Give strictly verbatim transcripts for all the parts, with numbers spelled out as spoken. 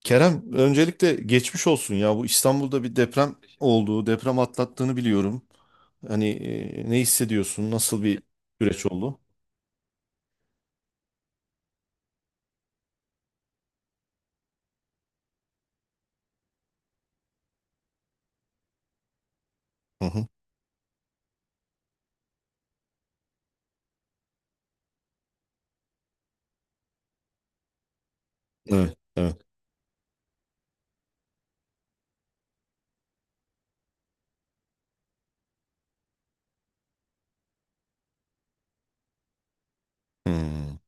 Kerem, öncelikle geçmiş olsun ya. Bu İstanbul'da bir deprem olduğu, deprem atlattığını biliyorum. Hani e, ne hissediyorsun? Nasıl bir süreç oldu? Hı hı. Evet, evet. Hmm.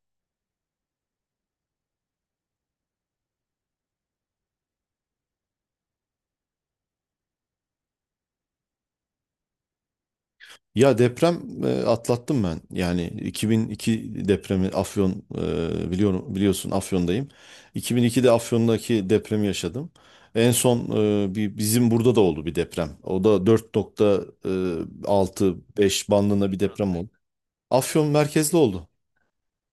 Ya deprem e, atlattım ben. Yani iki bin iki depremi Afyon e, biliyorum biliyorsun Afyon'dayım. iki bin ikide Afyon'daki depremi yaşadım. En son e, bir bizim burada da oldu bir deprem. O da dört nokta altı-beş bandında bir deprem oldu. Afyon merkezli oldu.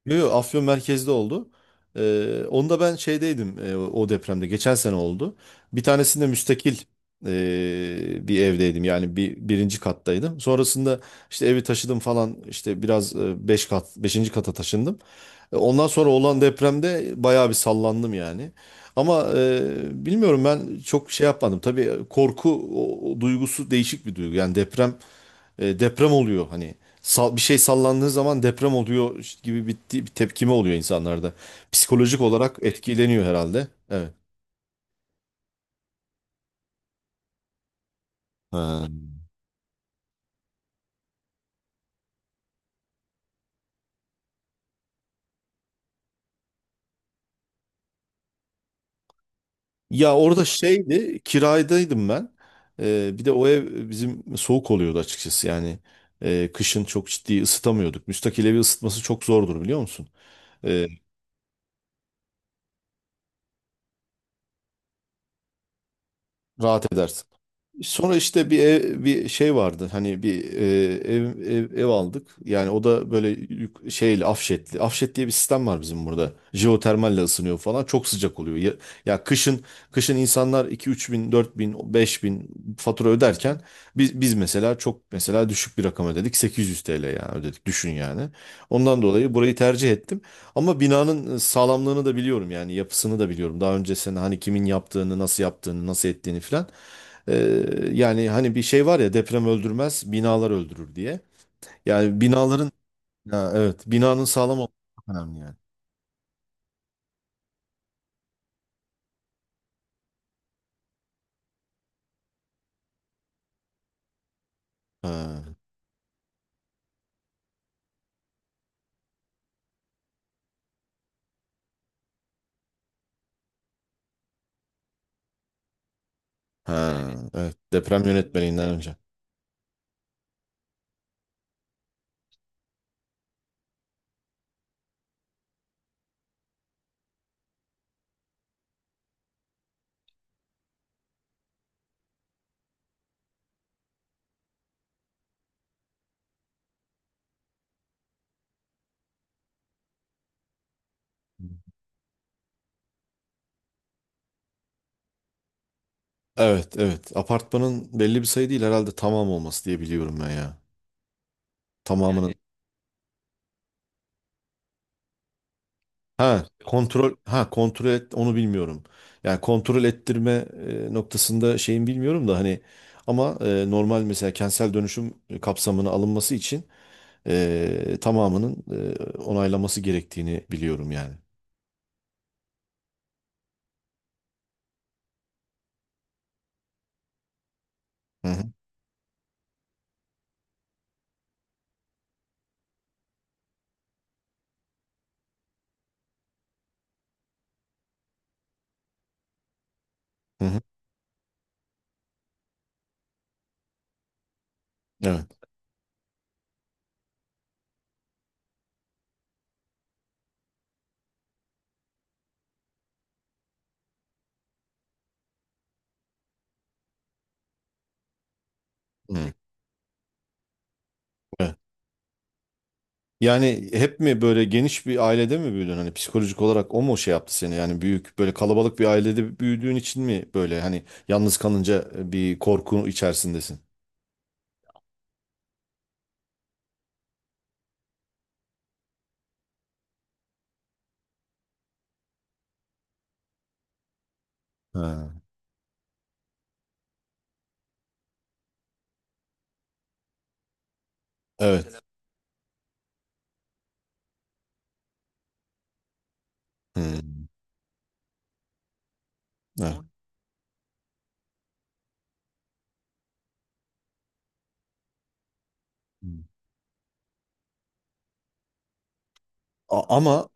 Yo, yo, Afyon merkezde oldu. Ee, onu ben şeydeydim e, o depremde. Geçen sene oldu. Bir tanesinde müstakil e, bir evdeydim. Yani bir birinci kattaydım. Sonrasında işte evi taşıdım falan. İşte biraz e, beş kat, beşinci kata taşındım. E, Ondan sonra olan depremde bayağı bir sallandım yani. Ama e, bilmiyorum ben çok şey yapmadım. Tabii korku o- o duygusu değişik bir duygu. Yani deprem e, deprem oluyor hani sal, bir şey sallandığı zaman deprem oluyor işte gibi bir, bir tepkime oluyor insanlarda. Psikolojik olarak etkileniyor herhalde. Evet. Ha. Ya orada şeydi kiraydaydım ben. Ee, bir de o ev bizim soğuk oluyordu açıkçası yani. Ee, kışın çok ciddi ısıtamıyorduk. Müstakil evi ısıtması çok zordur biliyor musun? Ee, rahat edersin. Sonra işte bir ev, bir şey vardı. Hani bir e, ev, ev ev aldık. Yani o da böyle yük- şeyle afşetli. Afşet diye bir sistem var bizim burada. Jeotermalle ısınıyor falan. Çok sıcak oluyor. Ya, ya kışın kışın insanlar iki üç bin, dört bin, beş bin fatura öderken biz biz mesela çok mesela düşük bir rakam ödedik. sekiz yüz T L yani ödedik. Düşün yani. Ondan dolayı burayı tercih ettim. Ama binanın sağlamlığını da biliyorum yani yapısını da biliyorum. Daha önce sen hani kimin yaptığını, nasıl yaptığını, nasıl ettiğini filan. Ee, yani hani bir şey var ya deprem öldürmez, binalar öldürür diye. Yani binaların ha, evet binanın sağlam olması çok önemli yani. Ha, ha, evet deprem yönetmeliğinden önce. Evet evet apartmanın belli bir sayı değil herhalde tamam olması diye biliyorum ben ya. Tamamının. Yani Ha kontrol ha kontrol et onu bilmiyorum. Yani kontrol ettirme e, noktasında şeyin bilmiyorum da hani ama e, normal mesela kentsel dönüşüm kapsamına alınması için e, tamamının e, onaylaması gerektiğini biliyorum yani. Hı hı. Hı hı. Evet. Hı. Evet. Yani hep mi böyle geniş bir ailede mi büyüdün? Hani psikolojik olarak o mu şey yaptı seni? Yani büyük böyle kalabalık bir ailede büyüdüğün için mi böyle hani yalnız kalınca e, bir korku içerisindesin? Ha. Evet. Hı. Evet. A- Ama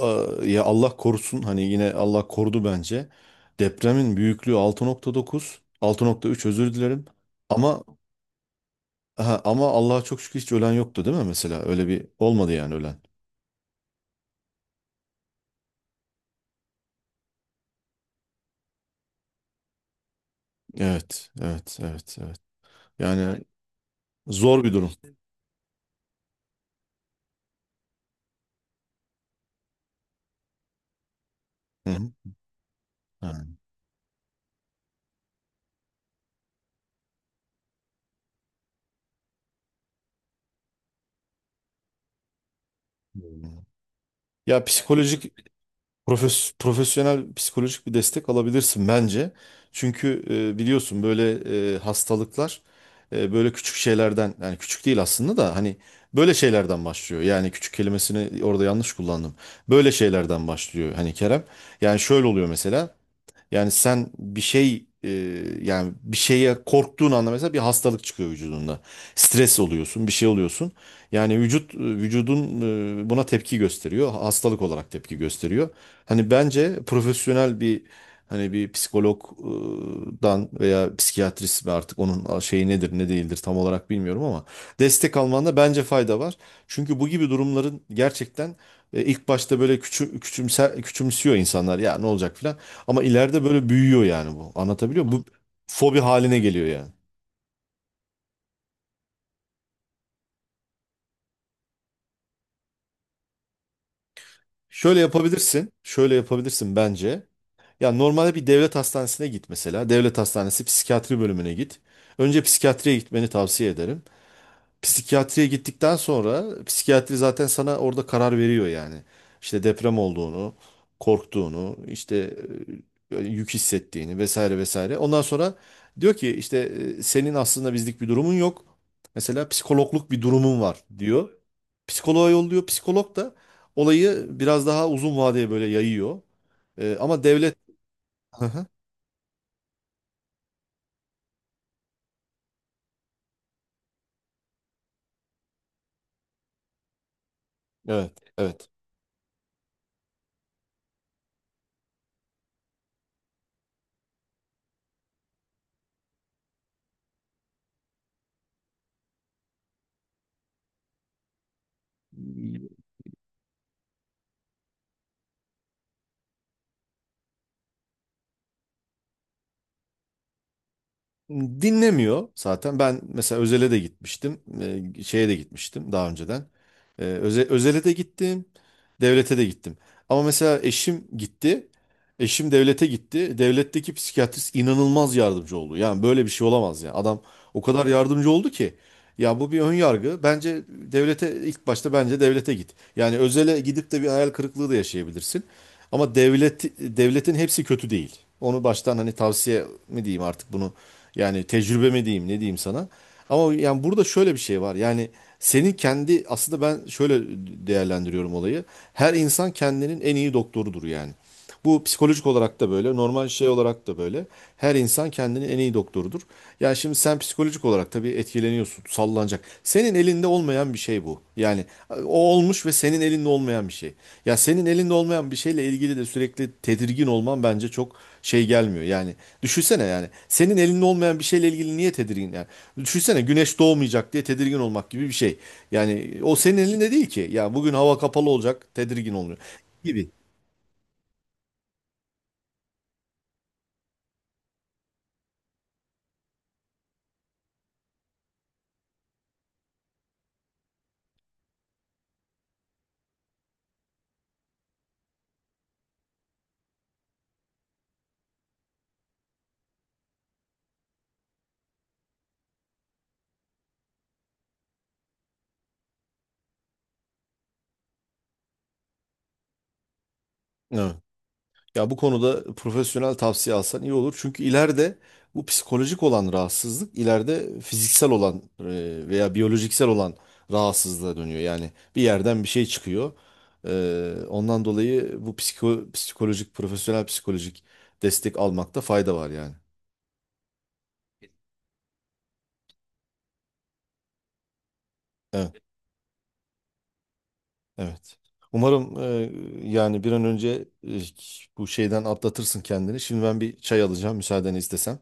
e, ya Allah korusun hani yine Allah korudu bence. Depremin büyüklüğü altı altı nokta dokuz altı nokta üç özür dilerim. Ama Aha, ama Allah'a çok şükür hiç ölen yoktu değil mi mesela? Öyle bir olmadı yani ölen. Evet, evet, evet, evet. Yani zor bir durum. Hı hı. Ha. Ya psikolojik profes, profesyonel psikolojik bir destek alabilirsin bence. Çünkü e, biliyorsun böyle e, hastalıklar e, böyle küçük şeylerden yani küçük değil aslında da hani böyle şeylerden başlıyor. Yani küçük kelimesini orada yanlış kullandım. Böyle şeylerden başlıyor hani Kerem. Yani şöyle oluyor mesela. Yani sen bir şey e, yani bir şeye korktuğun anda mesela bir hastalık çıkıyor vücudunda. Stres oluyorsun, bir şey oluyorsun. Yani vücut e, vücudun e, buna tepki gösteriyor. Hastalık olarak tepki gösteriyor. Hani bence profesyonel bir hani bir psikologdan veya psikiyatrist ve artık onun şeyi nedir ne değildir tam olarak bilmiyorum ama destek almanda bence fayda var. Çünkü bu gibi durumların gerçekten e, ilk başta böyle küçü, küçümse, küçümsüyor insanlar ya ne olacak filan. Ama ileride böyle büyüyor yani bu. Anlatabiliyor muyum? Bu fobi haline geliyor yani. Şöyle yapabilirsin. Şöyle yapabilirsin bence. Ya normalde bir devlet hastanesine git mesela. Devlet hastanesi psikiyatri bölümüne git. Önce psikiyatriye gitmeni tavsiye ederim. Psikiyatriye gittikten sonra psikiyatri zaten sana orada karar veriyor yani. İşte deprem olduğunu, korktuğunu, işte e, yük hissettiğini vesaire vesaire. Ondan sonra diyor ki işte e, senin aslında bizlik bir durumun yok. Mesela psikologluk bir durumun var diyor. Psikoloğa yolluyor. Psikolog da olayı biraz daha uzun vadeye böyle yayıyor. E, ama devlet... Hı hı. Evet, evet. Dinlemiyor zaten. Ben mesela Özel'e de gitmiştim. e, şeye de gitmiştim daha önceden. E, Öze- Özel'e de gittim. Devlete de gittim. Ama mesela eşim gitti. Eşim devlete gitti. Devletteki psikiyatrist inanılmaz yardımcı oldu. Yani böyle bir şey olamaz ya. Adam o kadar yardımcı oldu ki. Ya bu bir ön yargı. Bence devlete ilk başta bence devlete git. Yani özele gidip de bir hayal kırıklığı da yaşayabilirsin. Ama devlet devletin hepsi kötü değil. Onu baştan hani tavsiye mi diyeyim artık bunu yani tecrübe mi diyeyim ne diyeyim sana. Ama yani burada şöyle bir şey var. Yani senin kendi aslında ben şöyle değerlendiriyorum olayı. Her insan kendinin en iyi doktorudur yani. Bu psikolojik olarak da böyle, normal şey olarak da böyle. Her insan kendini en iyi doktorudur. Yani şimdi sen psikolojik olarak tabii etkileniyorsun, sallanacak. Senin elinde olmayan bir şey bu. Yani o olmuş ve senin elinde olmayan bir şey. Ya senin elinde olmayan bir şeyle ilgili de sürekli tedirgin olman bence çok şey gelmiyor. Yani düşünsene yani senin elinde olmayan bir şeyle ilgili niye tedirgin yani? Düşünsene güneş doğmayacak diye tedirgin olmak gibi bir şey. Yani o senin elinde değil ki. Ya bugün hava kapalı olacak, tedirgin oluyor gibi. Evet. Ya bu konuda profesyonel tavsiye alsan iyi olur. Çünkü ileride bu psikolojik olan rahatsızlık ileride fiziksel olan e, veya biyolojiksel olan rahatsızlığa dönüyor. Yani bir yerden bir şey çıkıyor. E, Ondan dolayı bu psiko, psikolojik, profesyonel psikolojik destek almakta fayda var yani. Evet, evet. Umarım e, yani bir an önce e, bu şeyden atlatırsın kendini. Şimdi ben bir çay alacağım müsaadeni istesem.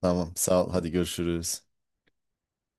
Tamam, sağ ol. Hadi görüşürüz.